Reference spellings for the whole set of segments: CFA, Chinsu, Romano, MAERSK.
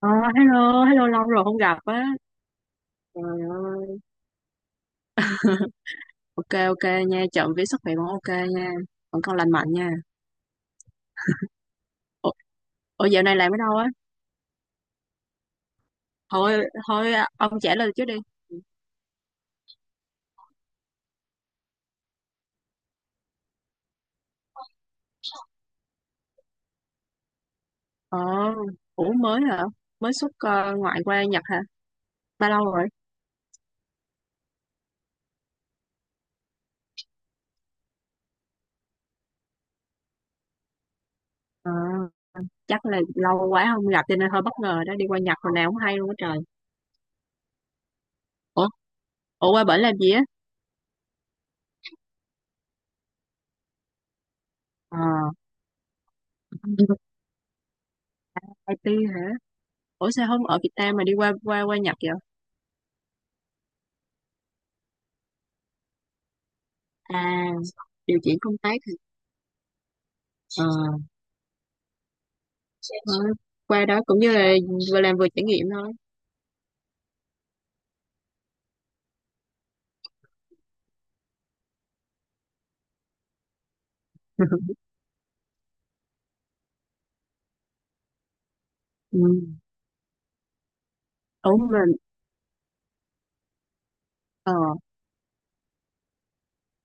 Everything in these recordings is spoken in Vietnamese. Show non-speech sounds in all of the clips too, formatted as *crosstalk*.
Ờ, Hello, hello, lâu rồi không gặp á. Trời ơi. Ok, ok nha. Trộm vía sức khỏe vẫn ok nha. Vẫn còn lành mạnh nha. Ủa, ủa, dạo này làm ở đâu á? Thôi, thôi à, ông trả lời trước đi. Ờ, Ủa, mới hả? Mới xuất ngoại qua Nhật hả? Bao lâu rồi? Ờ, Chắc là lâu quá không gặp cho nên hơi bất ngờ đó. Đi qua Nhật hồi nào cũng hay luôn á trời. Ủa, ủa, qua bển làm gì á? Ờ, IT hả? Ủa sao không ở Việt Nam mà đi qua qua qua Nhật vậy? À, điều chuyển công tác hả? Ờ. Ờ, Qua đó cũng như là vừa làm vừa trải nghiệm thôi. *laughs* Ừ. Ủa mà ờ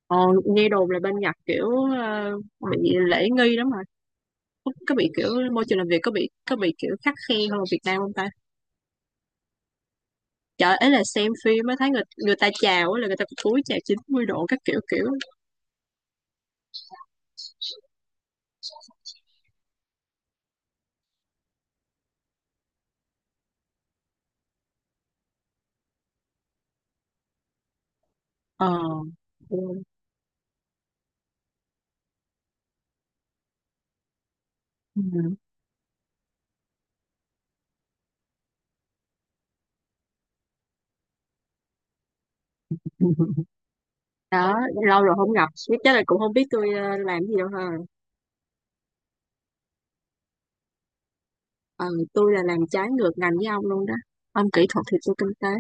ờ, nghe đồn là bên Nhật kiểu ờ, bị lễ nghi lắm mà. Có bị kiểu môi trường làm việc, có bị kiểu khắt khe hơn ở Việt Nam không ta? Trời, ấy là xem phim mới thấy người người ta chào á là người ta phải cúi chào 90 độ các kiểu kiểu. ờ ừ. Ừ. *laughs* Đó, lâu rồi không gặp biết chắc là cũng không biết tôi làm gì đâu ha. ờ tôi là làm trái ngược ngành với ông luôn đó. Ông kỹ thuật thì tôi kinh tế.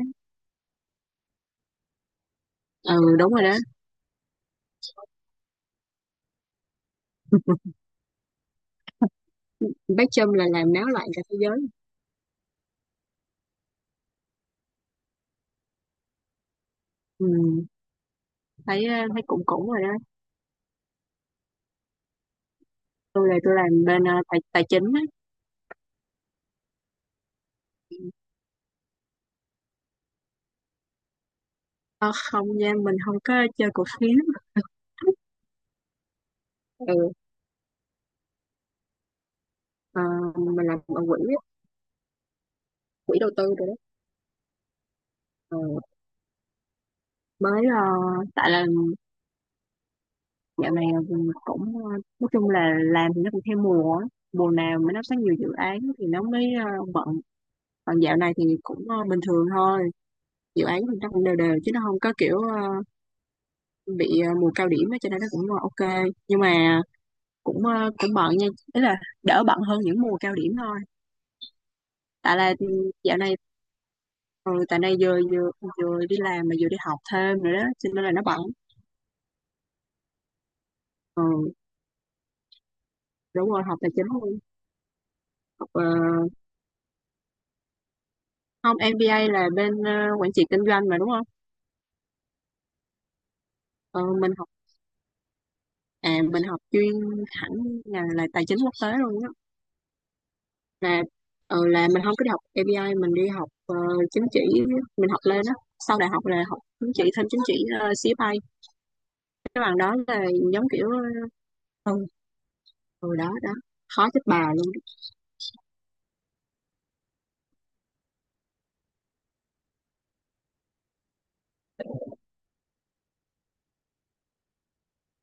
Ừ, đúng rồi đó. *laughs* Bác Trâm là làm náo loạn cả thế giới. Ừ. Thấy thấy cũng cũng rồi đó. Tôi là tôi làm bên tài tài chính á. Ờ, Không nha, mình không có chơi cổ phiếu. *laughs* Ừ. ờ, mình làm ở quỹ á, quỹ đầu tư rồi đó. Ờ, mới ờ, Tại là dạo này mình cũng nói chung là làm thì nó cũng theo mùa á. Mùa nào mà nó có nhiều dự án thì nó mới bận, còn dạo này thì cũng bình thường thôi. Dự án thì nó cũng đều đều chứ nó không có kiểu bị mùa cao điểm á, cho nên nó cũng ok, nhưng mà cũng bận nha. Ý là đỡ bận hơn những mùa cao điểm thôi. Tại là dạo này ừ, tại này vừa vừa vừa đi làm mà vừa đi học thêm nữa đó cho nên là nó bận. Ừ, đúng rồi, học tài chính luôn. Học không, MBA là bên quản trị kinh doanh mà đúng không? Ừ, mình học chuyên hẳn là tài chính quốc tế luôn đó. Là mình không có đi học MBA, mình đi học chứng chỉ. Mình học lên đó, sau đại học là học chứng chỉ, thêm chứng chỉ CFA, cái bằng đó là giống kiểu ờ, rồi đó đó, khó chết bà luôn.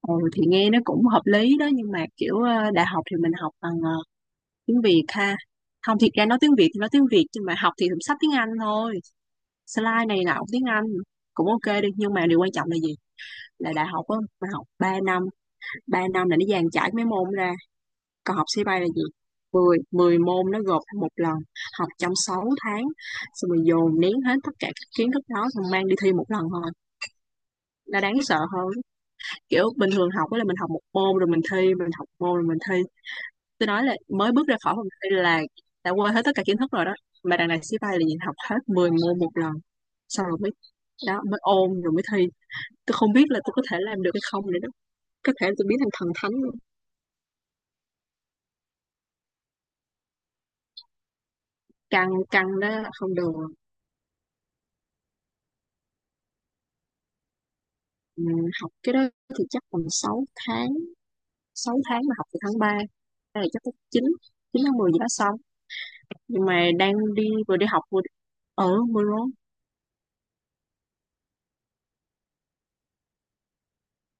Đó. Ừ, thì nghe nó cũng hợp lý đó nhưng mà kiểu đại học thì mình học bằng tiếng Việt ha. Không, thiệt ra nói tiếng Việt thì nói tiếng Việt nhưng mà học thì cũng sách tiếng Anh thôi. Slide này là học tiếng Anh. Cũng ok đi, nhưng mà điều quan trọng là gì, là đại học á mình học 3 năm, 3 năm là nó dàn trải mấy môn ra. Còn học sĩ bay là gì, 10 10 môn nó gộp thành một lần, học trong 6 tháng, xong rồi dồn nén hết tất cả các kiến thức đó, xong mang đi thi một lần thôi. Nó đáng sợ hơn. Kiểu bình thường học á là mình học một môn rồi mình thi, mình học một môn rồi mình thi. Tôi nói là mới bước ra khỏi phòng thi là đã quên hết tất cả kiến thức rồi đó. Mà đằng này sĩ bay là nhìn học hết 10 môn một lần, xong rồi mới đó mới ôn rồi mới thi. Tôi không biết là tôi có thể làm được hay không nữa đó. Có thể tôi biến thành thần thánh luôn. Căng, căng đó là không được. Ừ, học cái đó thì chắc còn 6 tháng. Sáu tháng mà học từ tháng 3, đây là chắc tới 9, 9 tháng 10 gì đó xong. Nhưng mà đang đi vừa đi học vừa đi ở mưa lớn.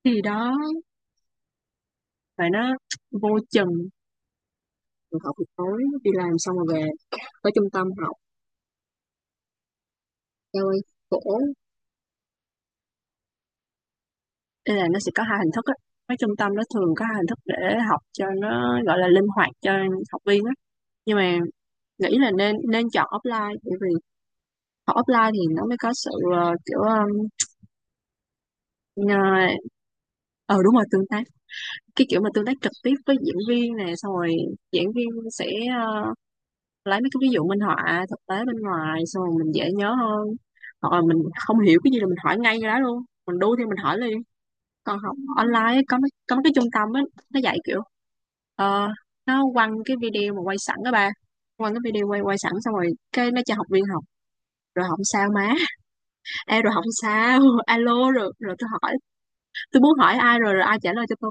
Thì đó và nó vô chừng, rồi học buổi tối đi làm xong rồi về tới trung tâm học, eo ơi khổ. Nên là nó sẽ có hai hình thức á, cái trung tâm nó thường có hai hình thức để học cho nó gọi là linh hoạt cho học viên á. Nhưng mà nghĩ là nên nên chọn offline bởi vì học offline thì nó mới có sự kiểu ờ ờ, đúng rồi, tương tác. Cái kiểu mà tương tác trực tiếp với diễn viên nè, xong rồi diễn viên sẽ ờ, lấy mấy cái ví dụ minh họa thực tế bên ngoài xong rồi mình dễ nhớ hơn. Hoặc là mình không hiểu cái gì là mình hỏi ngay cái đó luôn, mình đu thì mình hỏi liền. Còn học online ấy, có mấy cái trung tâm ấy, nó dạy kiểu ờ, nó quăng cái video mà quay sẵn đó ba, quăng cái video quay quay sẵn xong rồi cái nó cho học viên học, rồi không sao má. *laughs* Ê, rồi không sao. *laughs* Alo, rồi rồi tôi hỏi, tôi muốn hỏi ai rồi rồi ai trả lời cho tôi.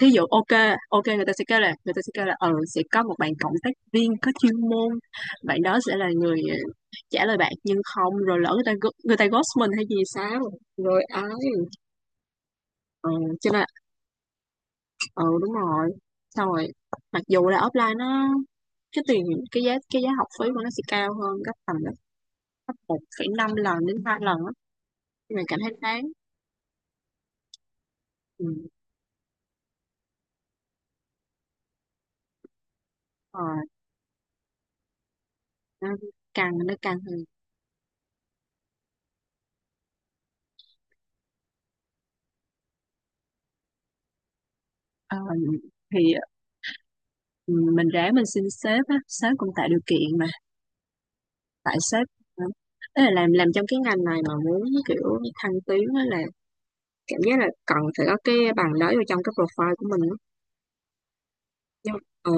Thí dụ ok, ok, người ta sẽ kêu là, người ta sẽ kêu là ừ, sẽ có một bạn cộng tác viên có chuyên môn. Bạn đó sẽ là người trả lời bạn, nhưng không, rồi lỡ người ta người ta ghost mình hay gì sao. Rồi ấy. Ừ, cho nên, ừ, đúng rồi. Xong rồi mặc dù là offline nó, cái tiền, cái giá học phí của nó sẽ cao hơn gấp tầm gấp 1,5 lần đến 3 lần á, nhưng mà cảm thấy đáng. Ừ. ờ, nó nó căng hơn. Ờ, thì ừ, mình ráng mình xin sếp á, sếp cũng tạo điều kiện mà, tại sếp nữa. Tức là làm trong cái ngành này mà muốn kiểu thăng tiến á là cảm giác là cần phải có cái bằng đó vô trong cái profile của mình á. Nhưng ừ,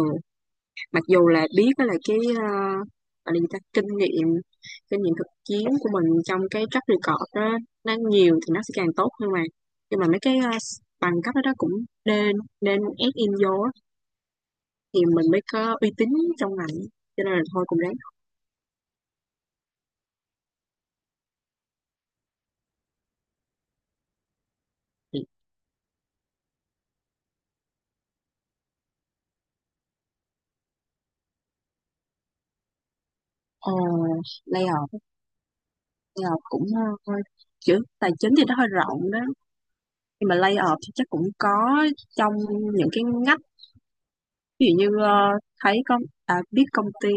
mặc dù là biết đó là cái gọi là gì ta, kinh nghiệm, kinh nghiệm thực chiến của mình trong cái track record đó nó nhiều thì nó sẽ càng tốt, nhưng mà mấy cái bằng cấp đó, đó cũng nên nên ép in vô á, thì mình mới có uy tín trong ngành, cho nên là thôi cũng ráng. Ờ, Layoff giờ cũng hơi, chữ tài chính thì nó hơi rộng đó nhưng mà lay off thì chắc cũng có trong những cái ngách. Ví dụ như thấy có à, biết công ty,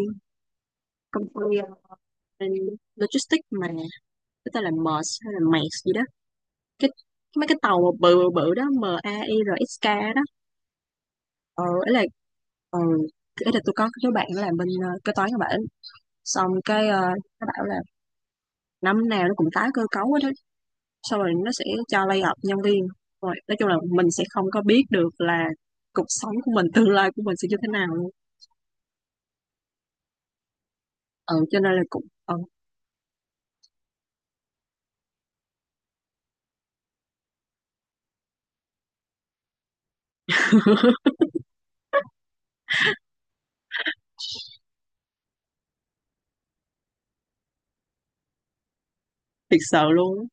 công ty ờ, logistics mà cái tên là MERS hay là MERS gì đó, cái mấy cái tàu mà bự bự bự đó, MAIRSK đó. Ờ, ấy là ừ tôi có cái đứa bạn làm bên kế toán các bạn, xong cái nó bảo là năm nào nó cũng tái cơ cấu hết đó, xong rồi nó sẽ cho lay off nhân viên, rồi nói chung là mình sẽ không có biết được là cuộc sống của mình, tương lai của mình sẽ như thế nào luôn. Ừ, cho nên là cũng *laughs* thiệt sợ luôn á.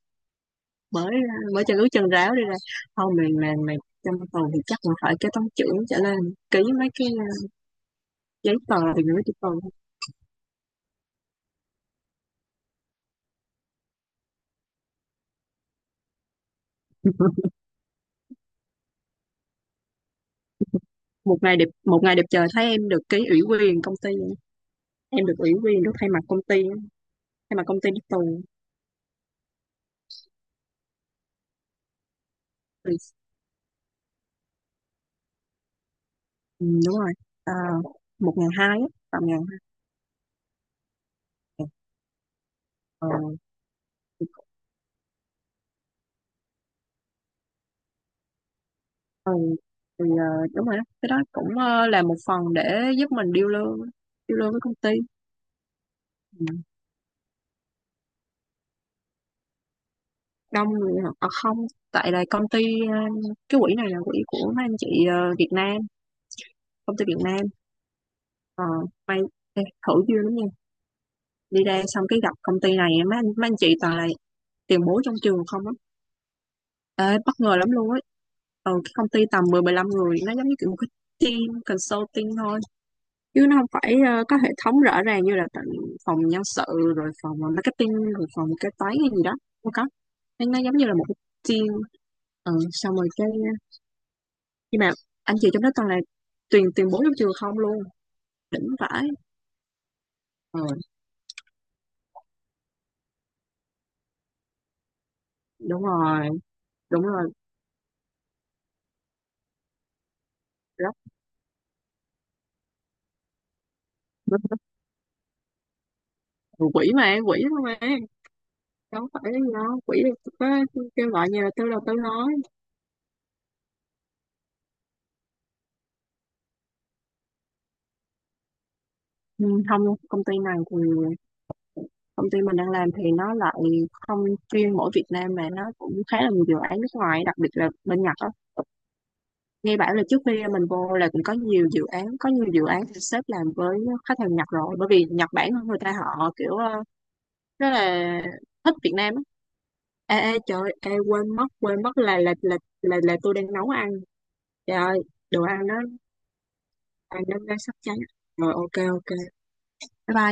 Mới mới chân ướt chân ráo đi ra, không, mình mày mày trong tuần thì chắc là phải cái toán trưởng trở lên ký mấy cái giấy tờ thì gửi cho tuần. Một ngày đẹp trời thấy em được ký ủy quyền công ty, em được ủy quyền được thay mặt công ty, thay mặt công ty đi tù. Ừ, đúng rồi. À, 1.200 á, tầm 1.200. Ờ, Ừ, thì đúng rồi đó. Cái đó cũng là một phần để giúp mình điêu lương với công ty. Ừ. Đông người hả? À, không, tại là công ty ờ, cái quỹ này là quỹ của mấy anh chị Việt Nam, công ty Việt Nam. Ờ, May, ê, thử duyên lắm nha. Đi ra xong cái gặp công ty này, mấy anh chị toàn là tiền bối trong trường không á. Ê, bất ngờ lắm luôn á. Ừ, cái công ty tầm 10 15 người nó giống như kiểu một cái team consulting thôi. Chứ nó không phải có hệ thống rõ ràng như là tận phòng nhân sự, rồi phòng marketing, rồi phòng kế toán hay gì đó. Không có, nó giống như là một cái team. Ừ, xong rồi cái, nhưng mà anh chị trong đó toàn là tuyển tuyển bố trong trường không luôn, đỉnh vãi. Ừ, đúng rồi, đúng rồi. Rất rất- rất- Quỷ mà em, quỷ thôi mà, đâu phải cái gì đâu quỷ, có kêu gọi như là tư đầu tư nói. Ừ, không, công ty này thì công ty mình đang làm thì nó lại không chuyên mỗi Việt Nam mà nó cũng khá là nhiều dự án nước ngoài, đặc biệt là bên Nhật á. Nghe bảo là trước khi mình vô là cũng có nhiều dự án, có nhiều dự án thì sếp làm với khách hàng Nhật rồi, bởi vì Nhật Bản người ta họ kiểu rất là thích Việt Nam á. Ê, ê trời ơi, ê, quên mất là, là tôi đang nấu ăn, trời ơi, đồ ăn nó, ăn nó đang sắp cháy. Rồi ok, ok, bye bye.